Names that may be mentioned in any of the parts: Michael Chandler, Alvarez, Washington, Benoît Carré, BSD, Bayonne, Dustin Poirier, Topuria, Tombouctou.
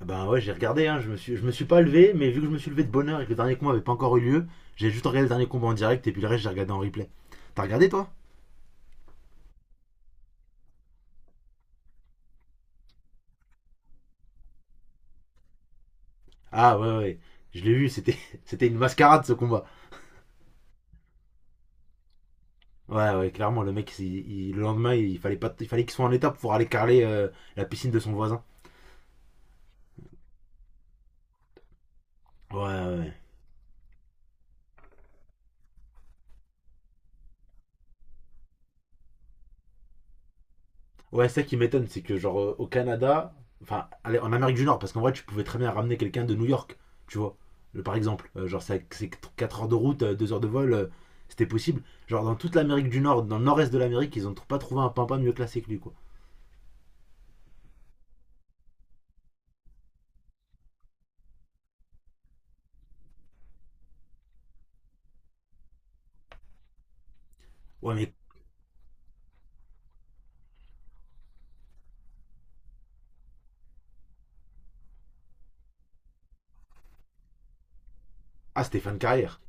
Ben ouais, j'ai regardé, hein, je me suis pas levé, mais vu que je me suis levé de bonne heure et que le dernier combat avait pas encore eu lieu, j'ai juste regardé le dernier combat en direct et puis le reste j'ai regardé en replay. T'as regardé toi? Ah ouais ouais, je l'ai vu, c'était c'était une mascarade ce combat. Ouais ouais, clairement le mec, le lendemain il fallait pas, il fallait qu'il soit en état pour aller carrer la piscine de son voisin. Ouais ouais. Ouais. Ouais, ça qui m'étonne, c'est que genre au Canada, enfin allez, en Amérique du Nord, parce qu'en vrai tu pouvais très bien ramener quelqu'un de New York, tu vois, par exemple, genre c'est 4 heures de route, 2 heures de vol, c'était possible. Genre dans toute l'Amérique du Nord, dans le nord-est de l'Amérique, ils ont pas trouvé un pimpin mieux classé que lui, quoi. Ouais, mais ah, c'était fin de carrière.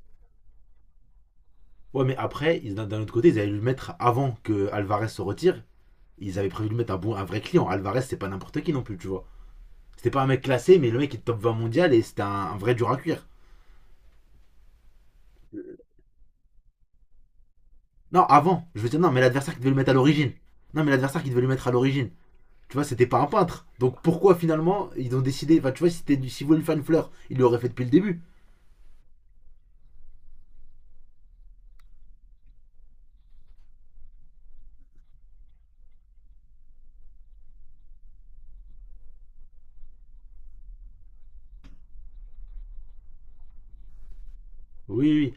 Ouais, mais après, d'un autre côté, ils allaient le mettre avant que Alvarez se retire. Ils avaient prévu de mettre un, bon, un vrai client. Alvarez, c'est pas n'importe qui non plus, tu vois. C'était pas un mec classé, mais le mec est top 20 mondial et c'était un vrai dur à cuire. Non, avant. Je veux dire, non, mais l'adversaire qui devait le mettre à l'origine. Non, mais l'adversaire qui devait le mettre à l'origine. Tu vois, c'était pas un peintre. Donc pourquoi finalement ils ont décidé. Enfin, tu vois, si c'était du. S'ils voulaient lui faire une fleur, ils l'auraient fait depuis le début. Oui, oui.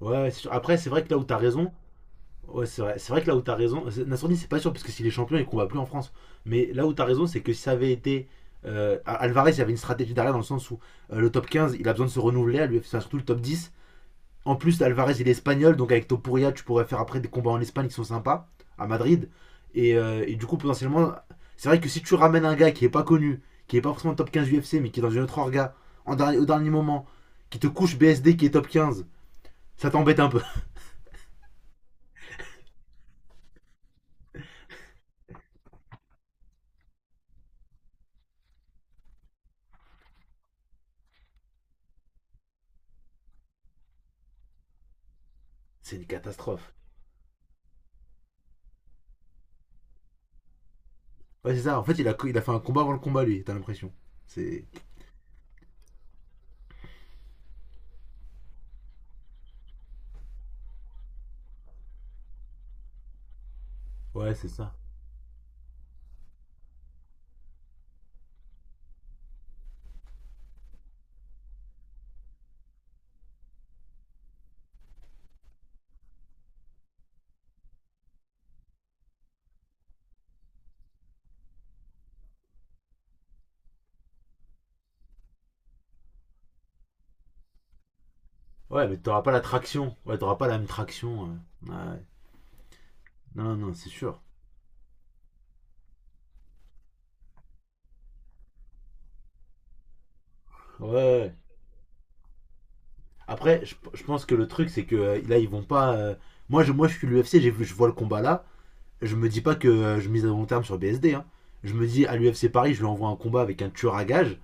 Ouais, ouais, c'est sûr. Après, c'est vrai que là où t'as raison. Ouais, c'est vrai. C'est vrai que là où t'as raison. Nassourdine, c'est pas sûr, parce que s'il est champion, il combat plus en France. Mais là où t'as raison, c'est que si ça avait été. Alvarez, il y avait une stratégie derrière dans le sens où le top 15, il a besoin de se renouveler, à lui, enfin, surtout le top 10. En plus, Alvarez, il est espagnol, donc avec Topuria, tu pourrais faire après des combats en Espagne qui sont sympas, à Madrid. Et du coup, potentiellement, c'est vrai que si tu ramènes un gars qui est pas connu, qui est pas forcément top 15 UFC, mais qui est dans une autre orga, au dernier moment, qui te couche BSD qui est top 15, ça t'embête un peu. C'est une catastrophe. Ouais, c'est ça. En fait, il a fait un combat avant le combat, lui, t'as l'impression. C'est. Ouais, c'est ça. Ouais, mais t'auras pas la traction. Ouais, t'auras pas la même traction. Ouais. Non, non, c'est sûr. Ouais. Après, je pense que le truc, c'est que là, ils vont pas. Je suis l'UFC, j'ai vu, je vois le combat là. Je me dis pas que je mise à long terme sur BSD, hein. Je me dis à l'UFC Paris, je lui envoie un combat avec un tueur à gage.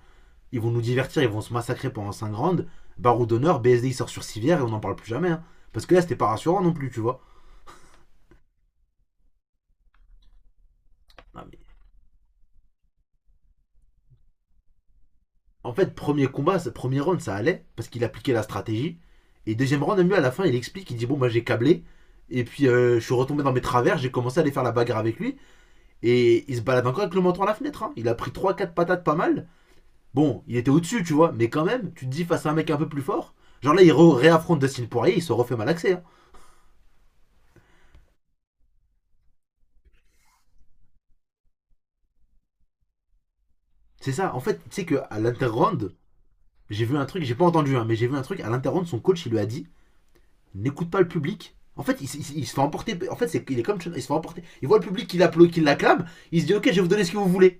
Ils vont nous divertir, ils vont se massacrer pendant 5 rounds. Barreau d'honneur, BSD il sort sur civière et on n'en parle plus jamais, hein. Parce que là, c'était pas rassurant non plus, tu vois. Non, mais- En fait, premier combat, premier round, ça allait parce qu'il appliquait la stratégie. Et deuxième round, mieux à la fin, il explique, il dit: bon, bah, j'ai câblé. Et puis, je suis retombé dans mes travers, j'ai commencé à aller faire la bagarre avec lui. Et il se balade encore avec le menton à la fenêtre, hein. Il a pris 3 quatre patates pas mal. Bon, il était au-dessus, tu vois. Mais quand même, tu te dis face à un mec un peu plus fort. Genre là, réaffronte Dustin Poirier, il se refait malaxer, hein. C'est ça. En fait, tu sais qu'à l'interround, j'ai vu un truc, j'ai pas entendu, hein, mais j'ai vu un truc. À l'interround, son coach, il lui a dit n'écoute pas le public. En fait, il se fait emporter. En fait, c'est, il est comme. Il se fait emporter. Il voit le public qui l'acclame. Il se dit ok, je vais vous donner ce que vous voulez.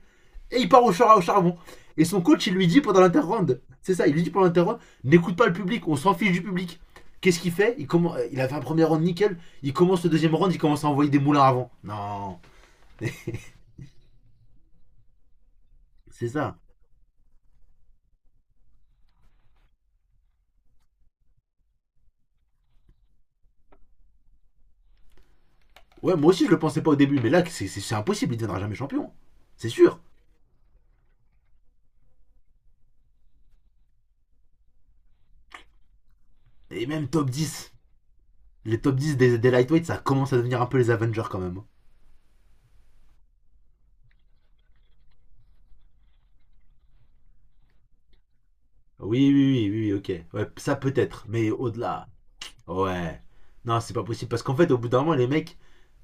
Et il part au charbon. Et son coach, il lui dit pendant l'interround, c'est ça, il lui dit pendant l'interround, n'écoute pas le public, on s'en fiche du public. Qu'est-ce qu'il fait commence, il a fait un premier round nickel, il commence le deuxième round, il commence à envoyer des moulins avant. Non, c'est ça. Ouais, moi aussi je le pensais pas au début, mais là c'est, impossible, il deviendra jamais champion. C'est sûr. Et même top 10, les top 10 des lightweights, ça commence à devenir un peu les Avengers quand même. Oui, oui, oui, oui, ok. Ouais, ça peut-être, mais au-delà. Ouais. Non, c'est pas possible. Parce qu'en fait, au bout d'un moment, les mecs,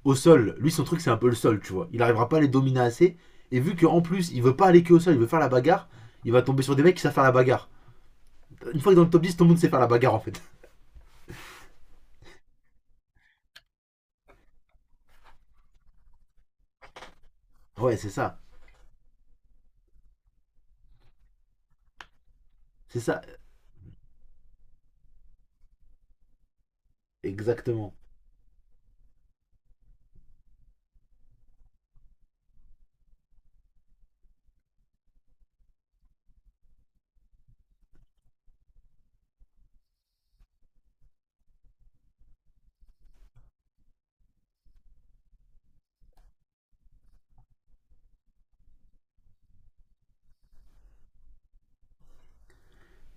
au sol, lui, son truc, c'est un peu le sol, tu vois. Il arrivera pas à les dominer assez. Et vu qu'en plus, il veut pas aller que au sol, il veut faire la bagarre, il va tomber sur des mecs qui savent faire la bagarre. Une fois que dans le top 10 tout le monde sait faire la bagarre, en fait. Ouais, c'est ça. C'est ça, exactement.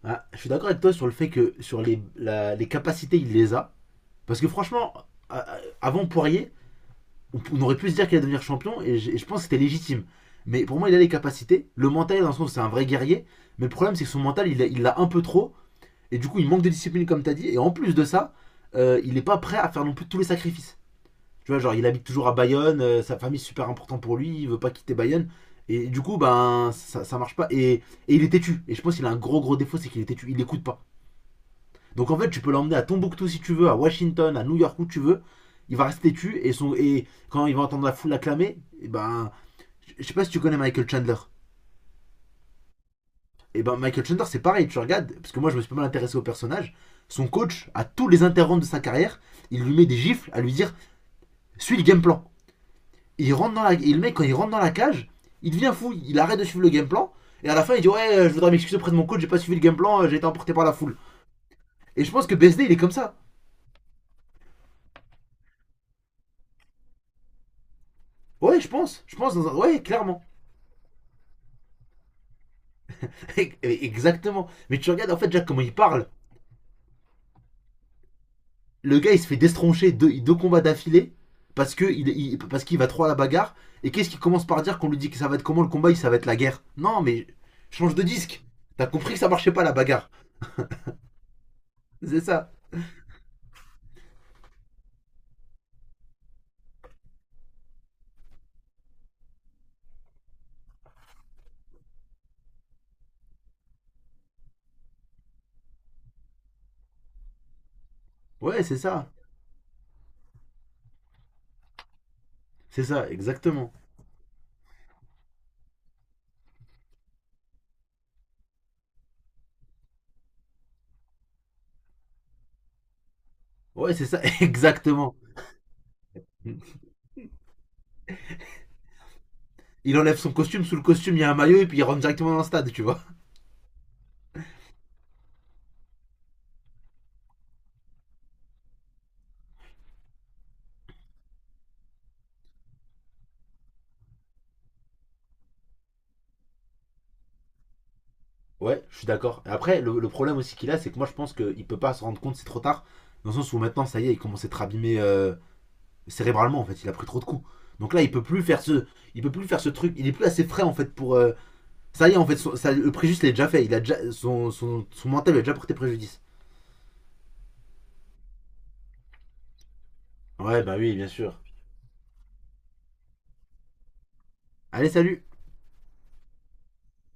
Ah, je suis d'accord avec toi sur le fait que sur les capacités, il les a. Parce que franchement, euh, avant Poirier, on, aurait pu se dire qu'il allait devenir champion et et je pense que c'était légitime. Mais pour moi, il a les capacités. Le mental, dans le sens, c'est un vrai guerrier. Mais le problème, c'est que son mental, il l'a un peu trop. Et du coup, il manque de discipline, comme tu as dit. Et en plus de ça, il n'est pas prêt à faire non plus tous les sacrifices. Tu vois, genre, il habite toujours à Bayonne. Sa famille, est super importante pour lui. Il veut pas quitter Bayonne. Et du coup, ben, ça marche pas. Et il est têtu. Et je pense qu'il a un gros, gros défaut, c'est qu'il est têtu. Il n'écoute pas. Donc en fait, tu peux l'emmener à Tombouctou si tu veux, à Washington, à New York où tu veux. Il va rester tu et, son, et quand il va entendre la foule l'acclamer, et ben, je sais pas si tu connais Michael Chandler. Et ben Michael Chandler, c'est pareil, tu regardes, parce que moi je me suis pas mal intéressé au personnage. Son coach, à tous les interromps de sa carrière, il lui met des gifles à lui dire suis le game plan. Il rentre dans la, et le mec, quand il rentre dans la cage, il devient fou, il arrête de suivre le game plan. Et à la fin, il dit ouais, je voudrais m'excuser auprès de mon coach, j'ai pas suivi le game plan, j'ai été emporté par la foule. Et je pense que BSD, il est comme ça. Ouais, je pense, dans un- ouais, clairement. Exactement. Mais tu regardes en fait Jack comment il parle. Le gars il se fait destroncher 2 combats d'affilée parce que parce qu'il va trop à la bagarre. Et qu'est-ce qu'il commence par dire qu'on lui dit que ça va être comment le combat, il ça va être la guerre. Non mais change de disque. T'as compris que ça marchait pas la bagarre. C'est ça. Ouais c'est ça. C'est ça exactement. Ouais c'est ça exactement. Il enlève son costume, sous le costume il y a un maillot et puis il rentre directement dans le stade, tu vois. Ouais, je suis d'accord. Et après, le problème aussi qu'il a, c'est que moi je pense qu'il peut pas se rendre compte, c'est trop tard. Dans le sens où maintenant, ça y est, il commence à être abîmé cérébralement en fait, il a pris trop de coups. Donc là, il peut plus faire ce, il peut plus faire ce truc. Il est plus assez frais en fait pour. Ça y est en fait, le préjudice il est déjà fait. Il a déjà son mental lui a déjà porté préjudice. Ouais, bah oui, bien sûr. Allez, salut.